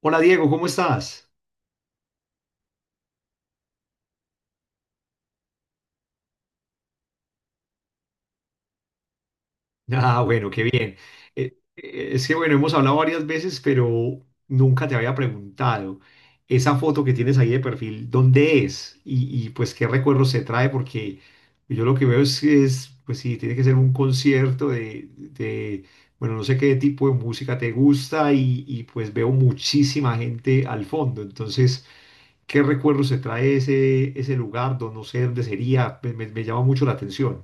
Hola Diego, ¿cómo estás? Ah, bueno, qué bien. Es que bueno, hemos hablado varias veces, pero nunca te había preguntado esa foto que tienes ahí de perfil, ¿dónde es? Pues qué recuerdos se trae, porque yo lo que veo es que es, pues sí, tiene que ser un concierto bueno, no sé qué tipo de música te gusta y pues veo muchísima gente al fondo. Entonces, ¿qué recuerdos se trae ese, ese lugar? No sé dónde sería, me llama mucho la atención.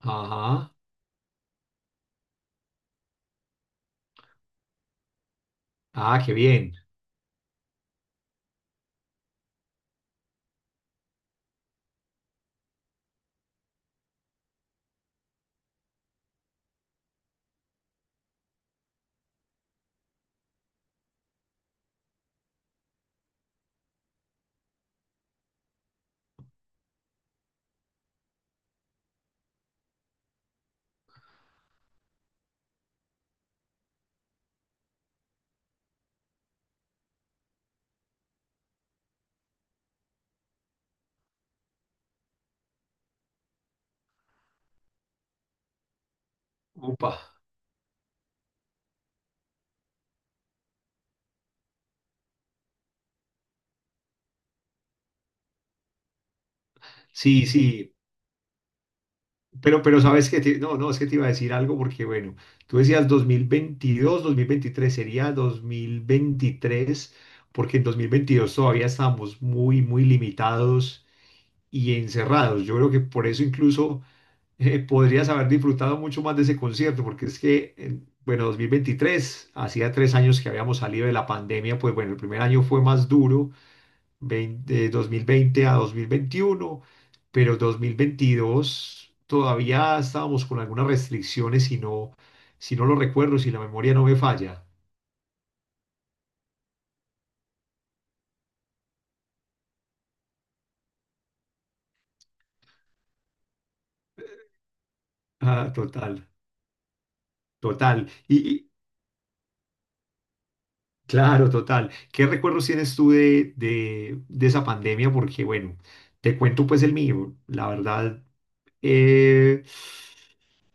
Ajá. Ah, qué bien. Upa. Sí, sí. Pero sabes que te- no, no, es que te iba a decir algo porque, bueno, tú decías 2022, 2023, sería 2023, porque en 2022 todavía estábamos muy, muy limitados y encerrados. Yo creo que por eso incluso podrías haber disfrutado mucho más de ese concierto, porque es que, en- bueno, 2023, hacía 3 años que habíamos salido de la pandemia, pues bueno, el primer año fue más duro de 2020 a 2021, pero 2022 todavía estábamos con algunas restricciones si no, si no lo recuerdo, si la memoria no me falla. Ah, total, total. Y- claro, total. ¿Qué recuerdos tienes tú de esa pandemia? Porque bueno, te cuento pues el mío. La verdad. Eh,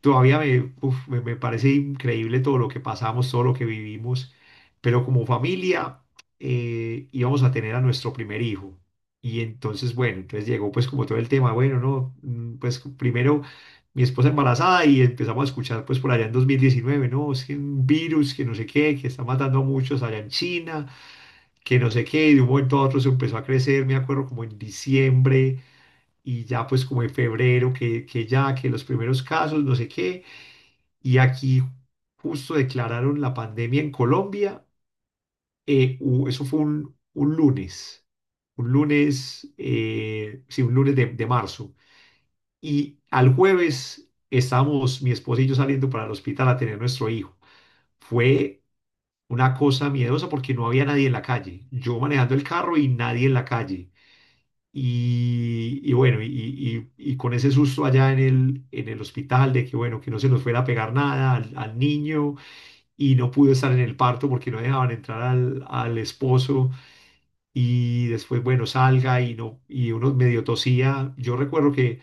todavía me, uf, me parece increíble todo lo que pasamos, todo lo que vivimos, pero como familia íbamos a tener a nuestro primer hijo. Y entonces, bueno, entonces llegó pues como todo el tema, bueno, no, pues primero mi esposa embarazada y empezamos a escuchar pues por allá en 2019, no, es que un virus, que no sé qué, que está matando a muchos allá en China, que no sé qué, y de un momento a otro se empezó a crecer, me acuerdo como en diciembre y ya pues como en febrero que ya, que los primeros casos, no sé qué, y aquí justo declararon la pandemia en Colombia, eso fue un lunes, sí, un lunes de marzo, y al jueves estábamos mi esposa y yo saliendo para el hospital a tener nuestro hijo. Fue una cosa miedosa porque no había nadie en la calle, yo manejando el carro y nadie en la calle. Y bueno, y con ese susto allá en el hospital de que, bueno, que no se nos fuera a pegar nada al, al niño y no pudo estar en el parto porque no dejaban entrar al, al esposo y después, bueno, salga y, no, y uno medio tosía. Yo recuerdo que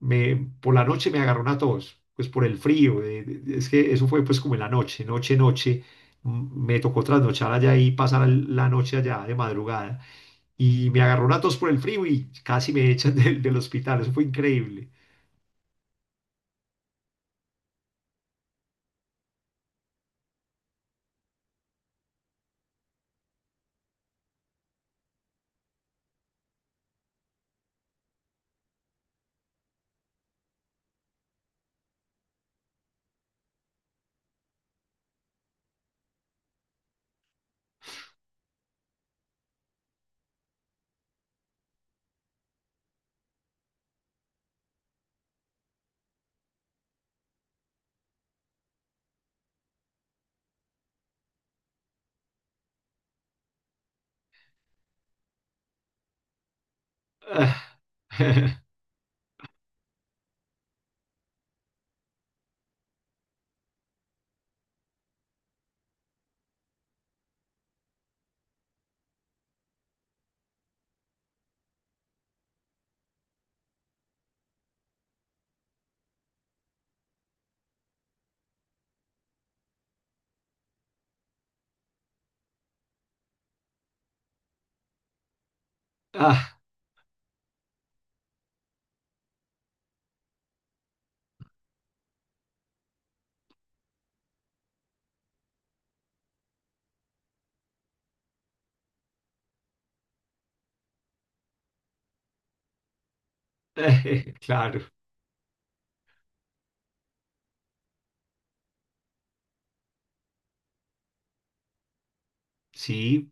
me, por la noche me agarró una tos, pues por el frío. Es que eso fue pues como en la noche, noche, noche. Me tocó trasnochar allá y pasar la noche allá de madrugada y me agarró una tos por el frío y casi me echan del, del hospital. Eso fue increíble. Ah, ah, claro, sí,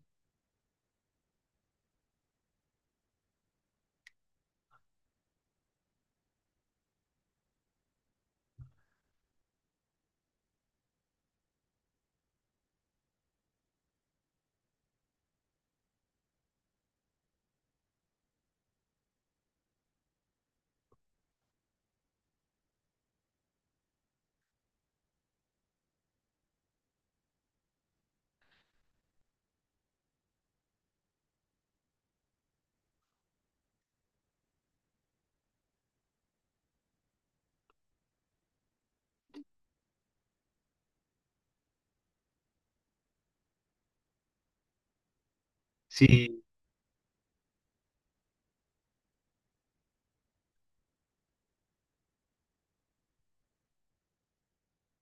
sí.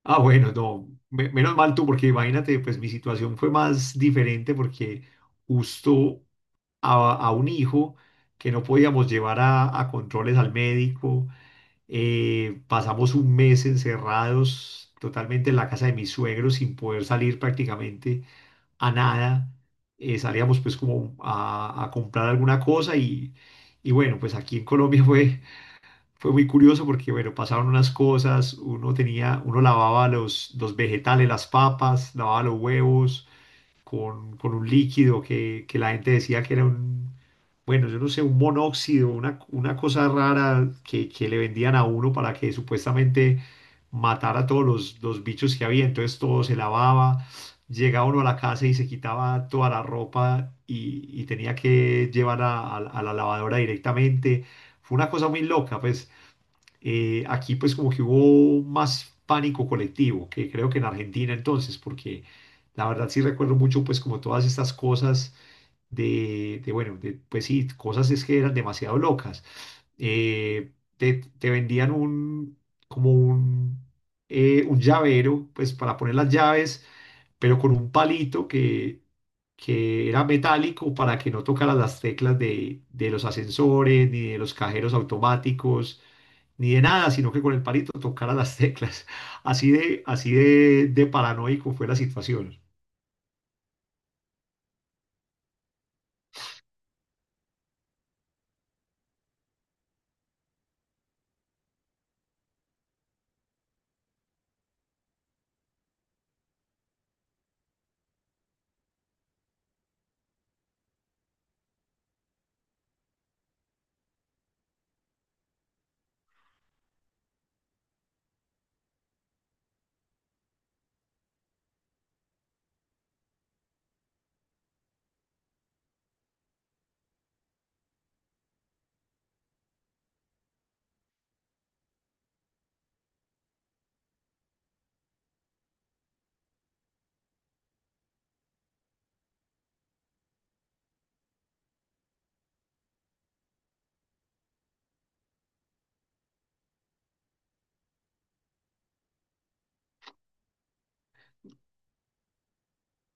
Ah, bueno, no, menos mal tú, porque imagínate, pues mi situación fue más diferente porque justo a un hijo que no podíamos llevar a controles al médico, pasamos un mes encerrados totalmente en la casa de mis suegros sin poder salir prácticamente a nada, salíamos pues como a comprar alguna cosa y bueno, pues aquí en Colombia fue, fue muy curioso porque bueno, pasaban unas cosas, uno tenía, uno lavaba los vegetales, las papas, lavaba los huevos con un líquido que la gente decía que era un, bueno, yo no sé, un monóxido, una cosa rara que le vendían a uno para que supuestamente matara a todos los bichos que había. Entonces todo se lavaba, llegaba uno a la casa y se quitaba toda la ropa y tenía que llevar a, a la lavadora directamente. Fue una cosa muy loca, pues aquí pues como que hubo más pánico colectivo que creo que en Argentina entonces, porque la verdad sí recuerdo mucho pues como todas estas cosas de, bueno, de, pues sí, cosas es que eran demasiado locas. Te, te vendían un, como un llavero, pues para poner las llaves, pero con un palito que era metálico para que no tocaras las teclas de los ascensores, ni de los cajeros automáticos, ni de nada, sino que con el palito tocara las teclas. Así de paranoico fue la situación.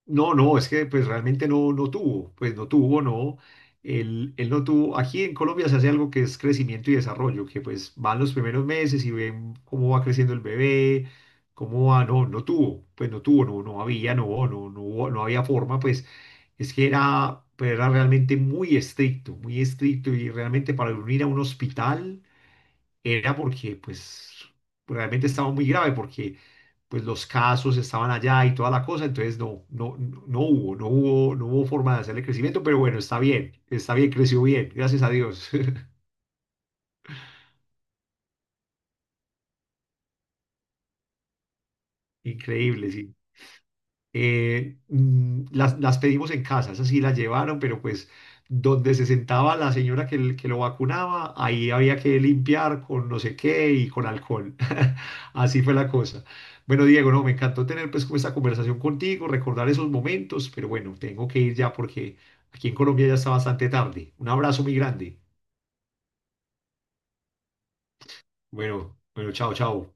No, no, es que pues realmente no, no tuvo, pues no tuvo, no, él no tuvo, aquí en Colombia se hace algo que es crecimiento y desarrollo, que pues van los primeros meses y ven cómo va creciendo el bebé, cómo va, no, no tuvo, pues no tuvo, no, no había, no, no, no, hubo- no había forma, pues es que era, pues, era realmente muy estricto y realmente para unir a un hospital era porque pues realmente estaba muy grave, porque pues los casos estaban allá y toda la cosa, entonces no, no, no hubo, no hubo, no hubo forma de hacerle crecimiento, pero bueno, está bien, creció bien, gracias a Dios. Increíble, sí. Las pedimos en casa, esas sí las llevaron, pero pues donde se sentaba la señora que, que lo vacunaba, ahí había que limpiar con no sé qué y con alcohol. Así fue la cosa. Bueno, Diego, no, me encantó tener pues como esta conversación contigo, recordar esos momentos, pero bueno, tengo que ir ya porque aquí en Colombia ya está bastante tarde. Un abrazo muy grande. Bueno, bueno, chao, chao.